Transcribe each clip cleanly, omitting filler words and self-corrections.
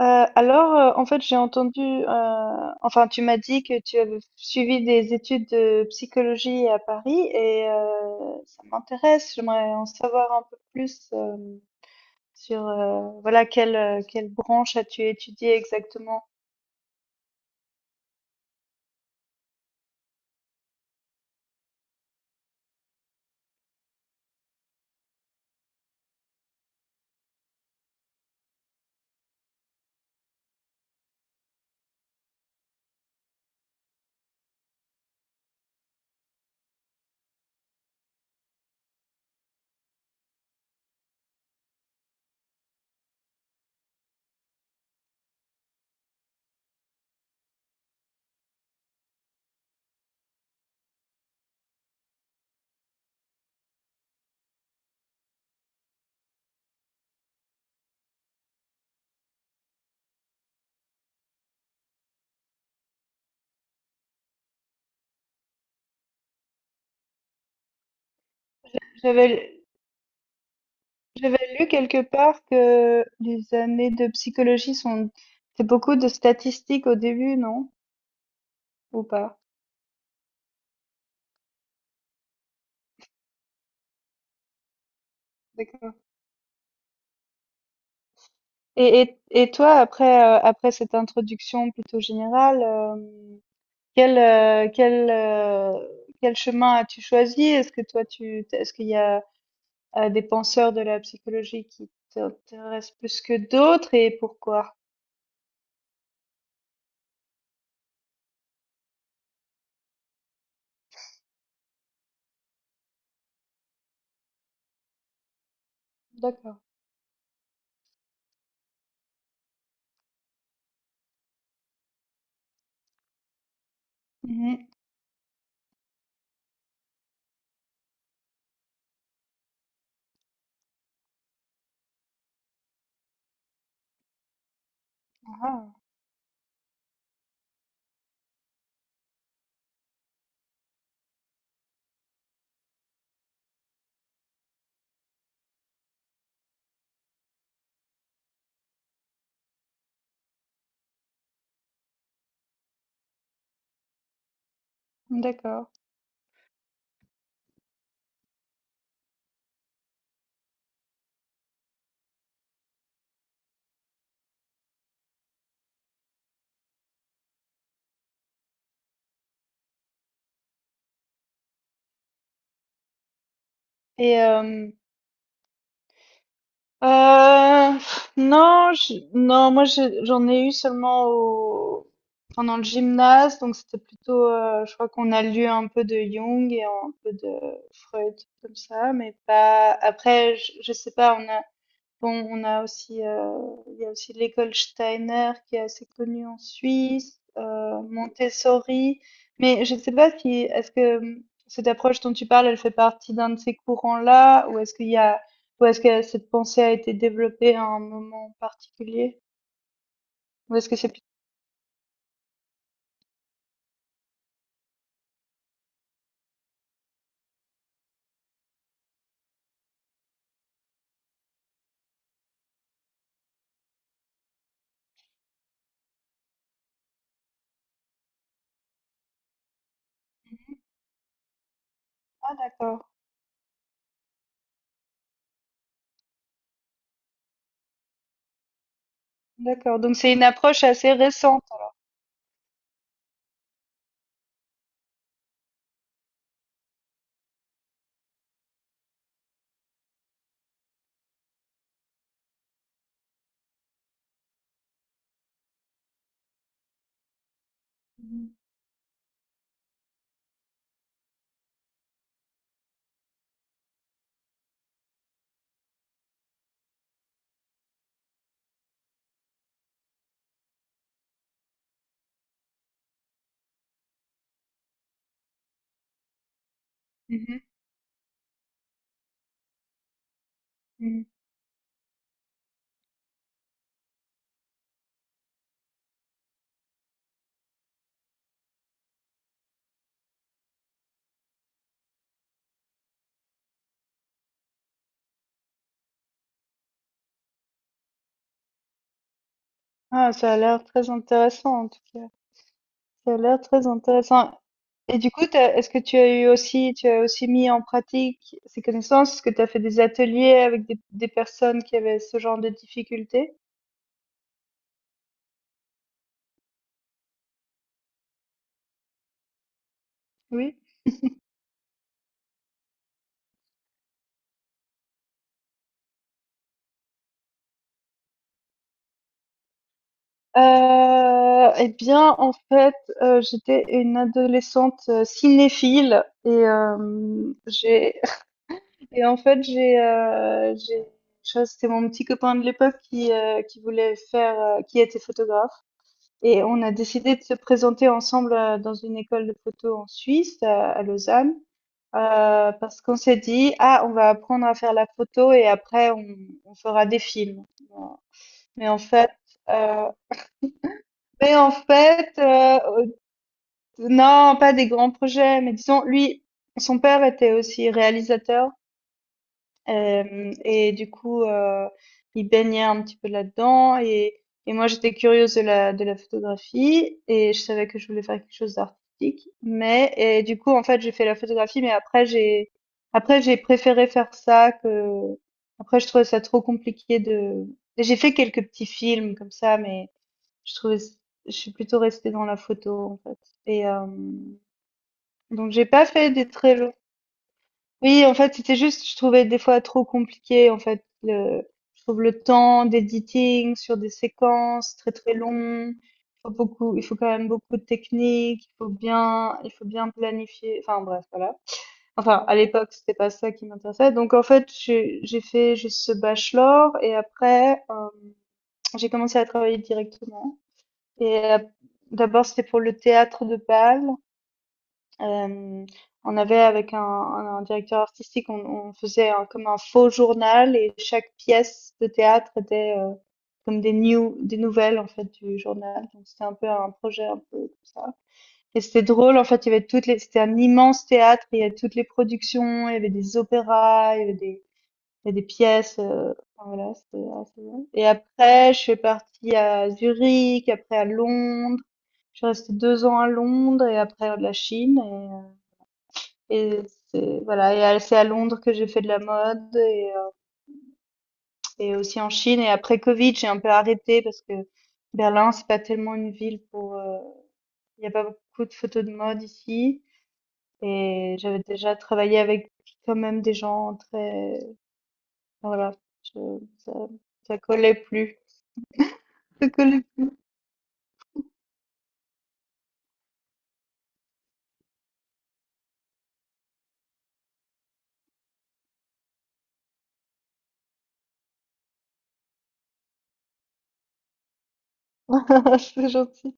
J'ai entendu, enfin, tu m'as dit que tu avais suivi des études de psychologie à Paris et ça m'intéresse. J'aimerais en savoir un peu plus voilà, quelle branche as-tu étudié exactement? J'avais, j'avais lu quelque part que les années de psychologie sont, c'est beaucoup de statistiques au début, non? Ou pas? D'accord. Et toi, après cette introduction plutôt générale, euh, quel chemin as-tu choisi? Est-ce que toi, tu, est-ce qu'il y a des penseurs de la psychologie qui t'intéressent plus que d'autres et pourquoi? D'accord. Mhm. Ah, d'accord. Et euh, non, non, j'en ai eu seulement pendant le gymnase, donc c'était plutôt, je crois qu'on a lu un peu de Jung et un peu de Freud comme ça, mais pas. Après, je sais pas, on a bon, on a aussi, il y a aussi l'école Steiner qui est assez connue en Suisse, Montessori. Mais je ne sais pas si, est-ce que cette approche dont tu parles, elle fait partie d'un de ces courants-là, ou est-ce que cette pensée a été développée à un moment particulier, ou est-ce que c'est plus... Ah, d'accord, d'accord. Donc c'est une approche assez récente. Mhm, mhm. Ah, ça a l'air très intéressant en tout cas. Ça a l'air très intéressant. Et du coup, est-ce que tu as eu aussi, tu as aussi mis en pratique ces connaissances? Est-ce que tu as fait des ateliers avec des personnes qui avaient ce genre de difficultés? Oui. Eh bien, en fait, j'étais une adolescente cinéphile et j'ai et en fait j'ai ça, c'était mon petit copain de l'époque qui voulait faire, qui était photographe. Et on a décidé de se présenter ensemble, dans une école de photo en Suisse, à Lausanne, parce qu'on s'est dit: «Ah, on va apprendre à faire la photo et après on fera des films». Voilà. Mais en fait, heu, mais en fait, non, pas des grands projets, mais disons lui, son père était aussi réalisateur. Hem Et du coup, il baignait un petit peu là-dedans et moi j'étais curieuse de la photographie et je savais que je voulais faire quelque chose d'artistique. Mais et du coup, en fait, j'ai fait la photographie, mais après j'ai préféré faire ça que après je trouvais ça trop compliqué de. J'ai fait quelques petits films comme ça, mais je trouvais je suis plutôt restée dans la photo, en fait, et donc j'ai pas fait des très. Oui, en fait, c'était juste, je trouvais des fois trop compliqué, en fait, je trouve le temps d'editing sur des séquences très très longues. Il faut beaucoup, il faut quand même beaucoup de technique, il faut bien planifier. Enfin bref, voilà. Enfin, à l'époque, c'était pas ça qui m'intéressait. Donc en fait, j'ai fait juste ce bachelor et après, j'ai commencé à travailler directement. Et d'abord, c'était pour le théâtre de Bâle. Hem, on avait avec un directeur artistique, on faisait un comme un faux journal et chaque pièce de théâtre était, comme des news, des nouvelles en fait du journal. Donc c'était un peu un projet un peu comme ça, et c'était drôle en fait, il y avait toutes les c'était un immense théâtre, il y avait toutes les productions, il y avait des opéras, il y avait des pièces, enfin voilà, c'était assez bien, et après je suis partie à Zurich, après à Londres. Je suis restée 2 ans à Londres et après la Chine, et c'est voilà, et à c'est à Londres que j'ai fait de la mode et aussi en Chine, et après Covid, j'ai un peu arrêté parce que Berlin, c'est pas tellement une ville pour, il y a pas beaucoup de photos de mode ici, et j'avais déjà travaillé avec quand même des gens très, enfin, voilà, je, ça ça collait plus, ça collait. C'est gentil.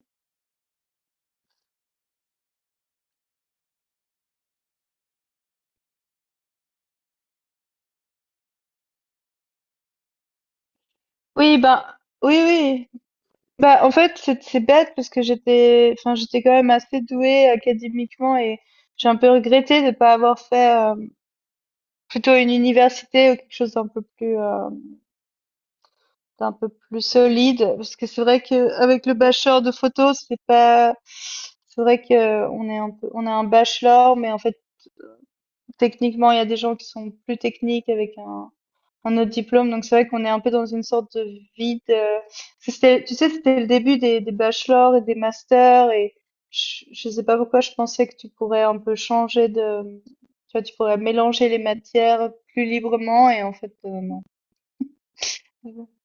Oui, ben oui, oui. Bah, en fait, c'est bête parce que j'étais enfin, j'étais quand même assez douée académiquement et j'ai un peu regretté de ne pas avoir fait, plutôt une université ou quelque chose d'un peu plus solide. Parce que c'est vrai que avec le bachelor de photo, c'est pas c'est vrai que on est un peu, on a un bachelor mais en fait, techniquement, il y a des gens qui sont plus techniques avec un autre diplôme. Donc c'est vrai qu'on est un peu dans une sorte de vide. C'était, tu sais, c'était le début des bachelors et des masters et je sais pas pourquoi je pensais que tu pourrais un peu changer de, tu vois, tu pourrais mélanger les matières plus librement et en fait, non.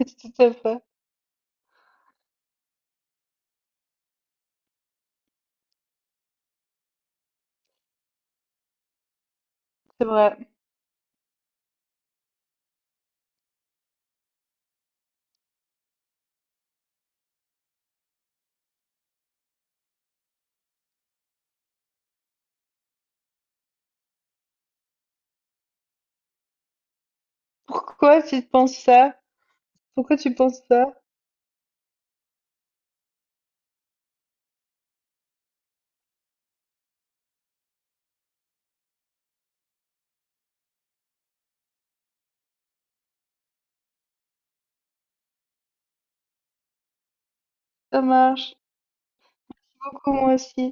C'est tout à fait, c'est vrai. Pourquoi tu penses ça? Pourquoi tu penses ça? Ça marche. Beaucoup moi aussi.